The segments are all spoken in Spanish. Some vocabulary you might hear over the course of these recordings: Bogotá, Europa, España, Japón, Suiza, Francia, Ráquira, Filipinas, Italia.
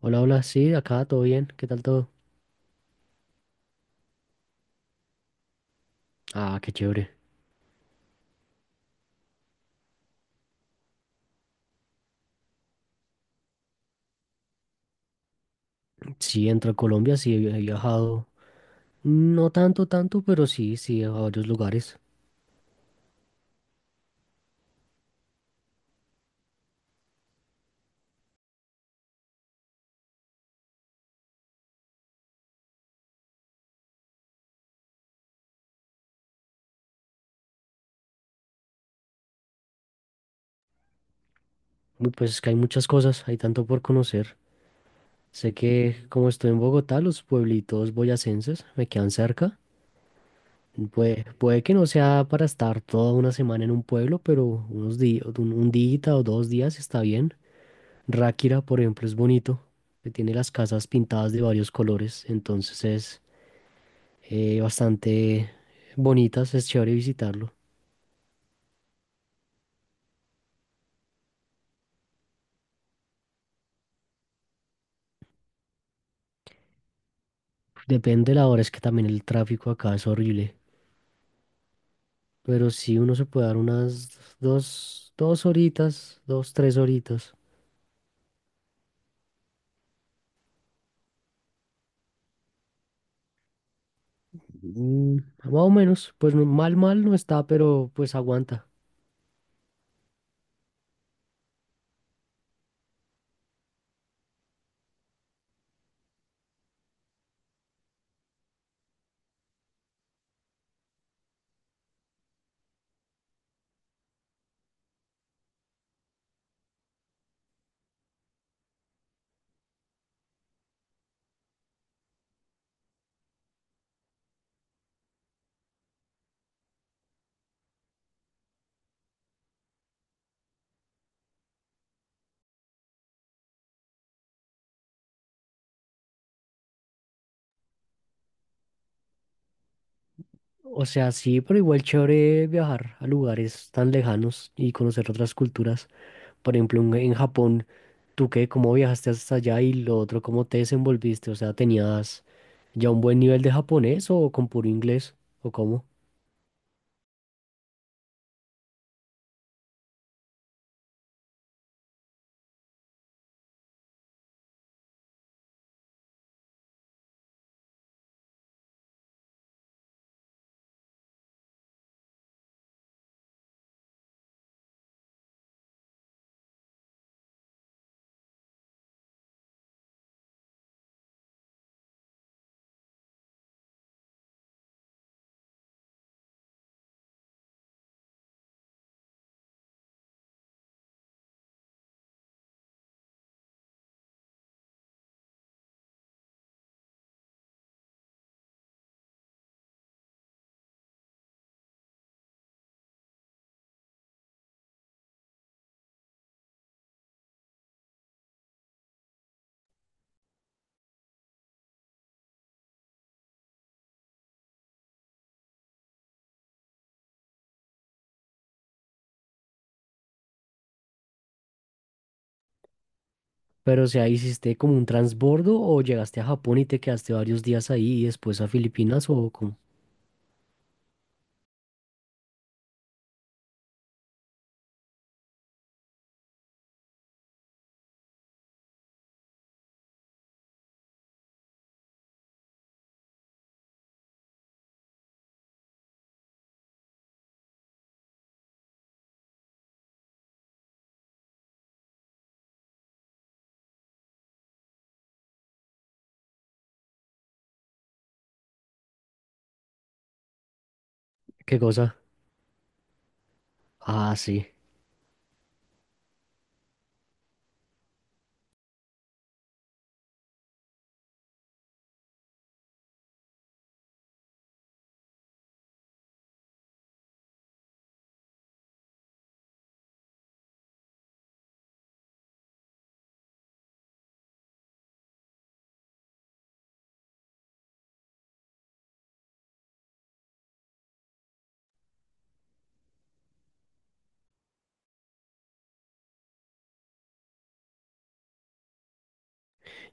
Hola, hola, sí, acá todo bien, ¿qué tal todo? Ah, qué chévere. Sí, entro a Colombia, sí he viajado, no tanto, tanto, pero sí, sí, a varios lugares. Uy, pues es que hay muchas cosas, hay tanto por conocer. Sé que como estoy en Bogotá, los pueblitos boyacenses me quedan cerca. Puede que no sea para estar toda una semana en un pueblo, pero unos días, un día o dos días está bien. Ráquira, por ejemplo, es bonito, que tiene las casas pintadas de varios colores, entonces es bastante bonitas, es chévere visitarlo. Depende de la hora, es que también el tráfico acá es horrible, pero sí uno se puede dar unas dos horitas, dos, tres horitas. Mm, Más o menos, pues mal, mal no está, pero pues aguanta. O sea, sí, pero igual chévere viajar a lugares tan lejanos y conocer otras culturas. Por ejemplo, en Japón, ¿tú qué? ¿Cómo viajaste hasta allá? Y lo otro, ¿cómo te desenvolviste? O sea, tenías. ¿Ya un buen nivel de japonés o con puro inglés? ¿O cómo? Pero o sea, ¿hiciste como un transbordo o llegaste a Japón y te quedaste varios días ahí y después a Filipinas o cómo? ¿Qué cosa? Ah, sí.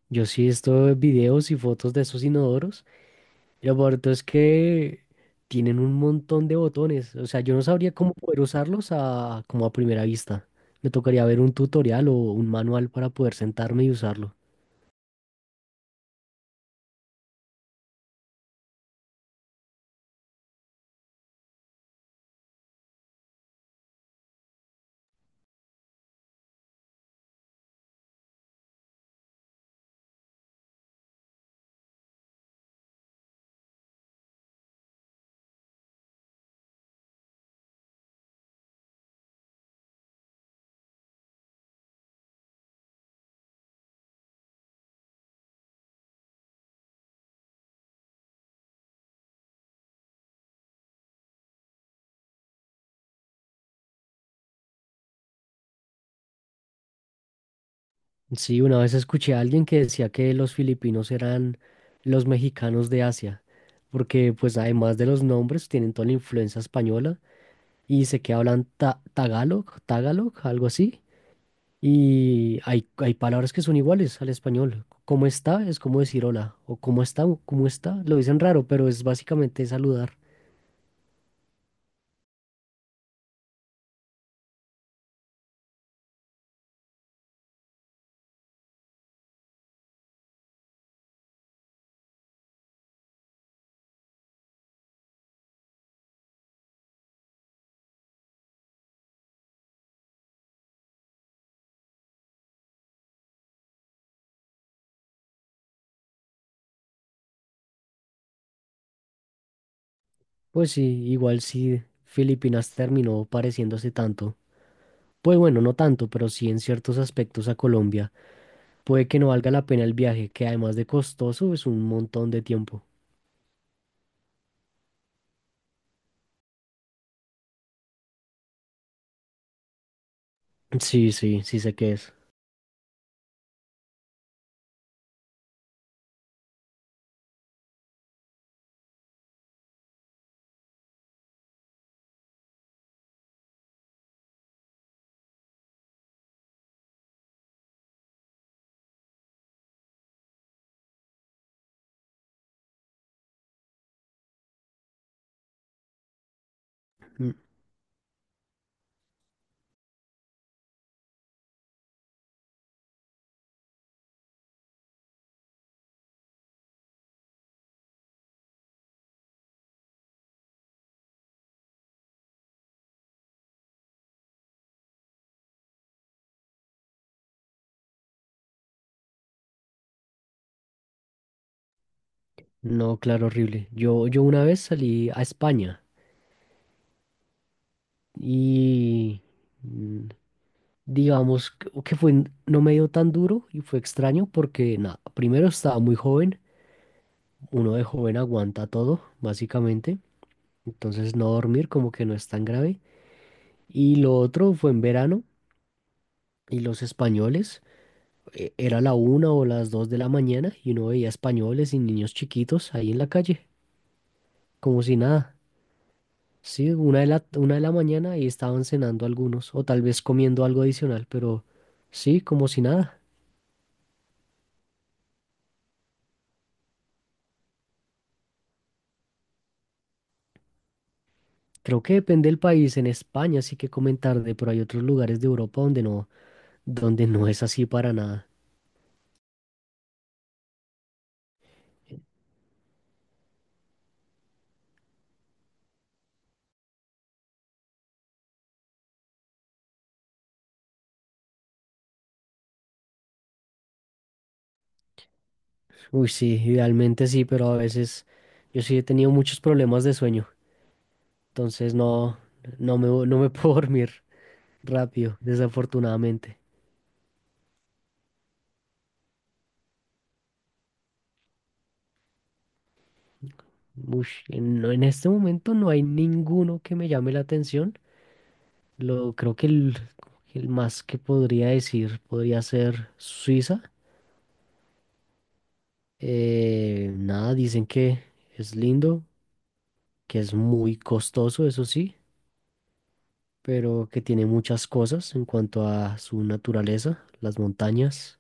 Yo sí he visto videos y fotos de esos inodoros. Y lo bonito es que tienen un montón de botones. O sea, yo no sabría cómo poder usarlos a, como a primera vista. Me tocaría ver un tutorial o un manual para poder sentarme y usarlo. Sí, una vez escuché a alguien que decía que los filipinos eran los mexicanos de Asia, porque pues además de los nombres tienen toda la influencia española y sé que hablan tagalog, algo así, y hay palabras que son iguales al español. ¿Cómo está? Es como decir hola, o cómo está, lo dicen raro, pero es básicamente saludar. Pues sí, igual sí, Filipinas terminó pareciéndose tanto. Pues bueno, no tanto, pero sí en ciertos aspectos a Colombia. Puede que no valga la pena el viaje, que además de costoso es un montón de tiempo. Sí, sí, sí sé qué es. Mm, no, claro, horrible. Yo una vez salí a España y mm, digamos que fue, no me dio tan duro y fue extraño porque, nada, primero estaba muy joven, uno de joven aguanta todo, básicamente, entonces no dormir como que no es tan grave. Y lo otro fue en verano y los españoles. Era la una o las dos de la mañana y uno veía españoles y niños chiquitos ahí en la calle, como si nada. Sí, una de la mañana y estaban cenando algunos, o tal vez comiendo algo adicional, pero sí, como si nada. Creo que depende del país. En España sí que comen tarde, pero hay otros lugares de Europa donde no es así para nada. Uy, sí, idealmente sí, pero a veces yo sí he tenido muchos problemas de sueño, entonces no, no me puedo dormir rápido, desafortunadamente. Ush, no, en este momento no hay ninguno que me llame la atención. Creo que el más que podría decir podría ser Suiza. Nada, dicen que es lindo, que es muy costoso, eso sí, pero que tiene muchas cosas en cuanto a su naturaleza, las montañas.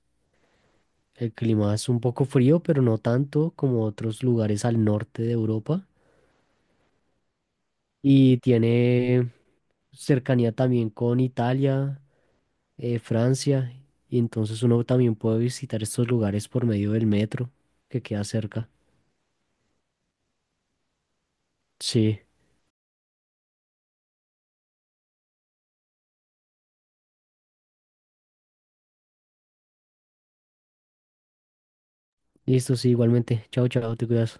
El clima es un poco frío, pero no tanto como otros lugares al norte de Europa. Y tiene cercanía también con Italia Francia, y entonces uno también puede visitar estos lugares por medio del metro que queda cerca. Sí, listo, sí, igualmente. Chao, chao, te cuidas.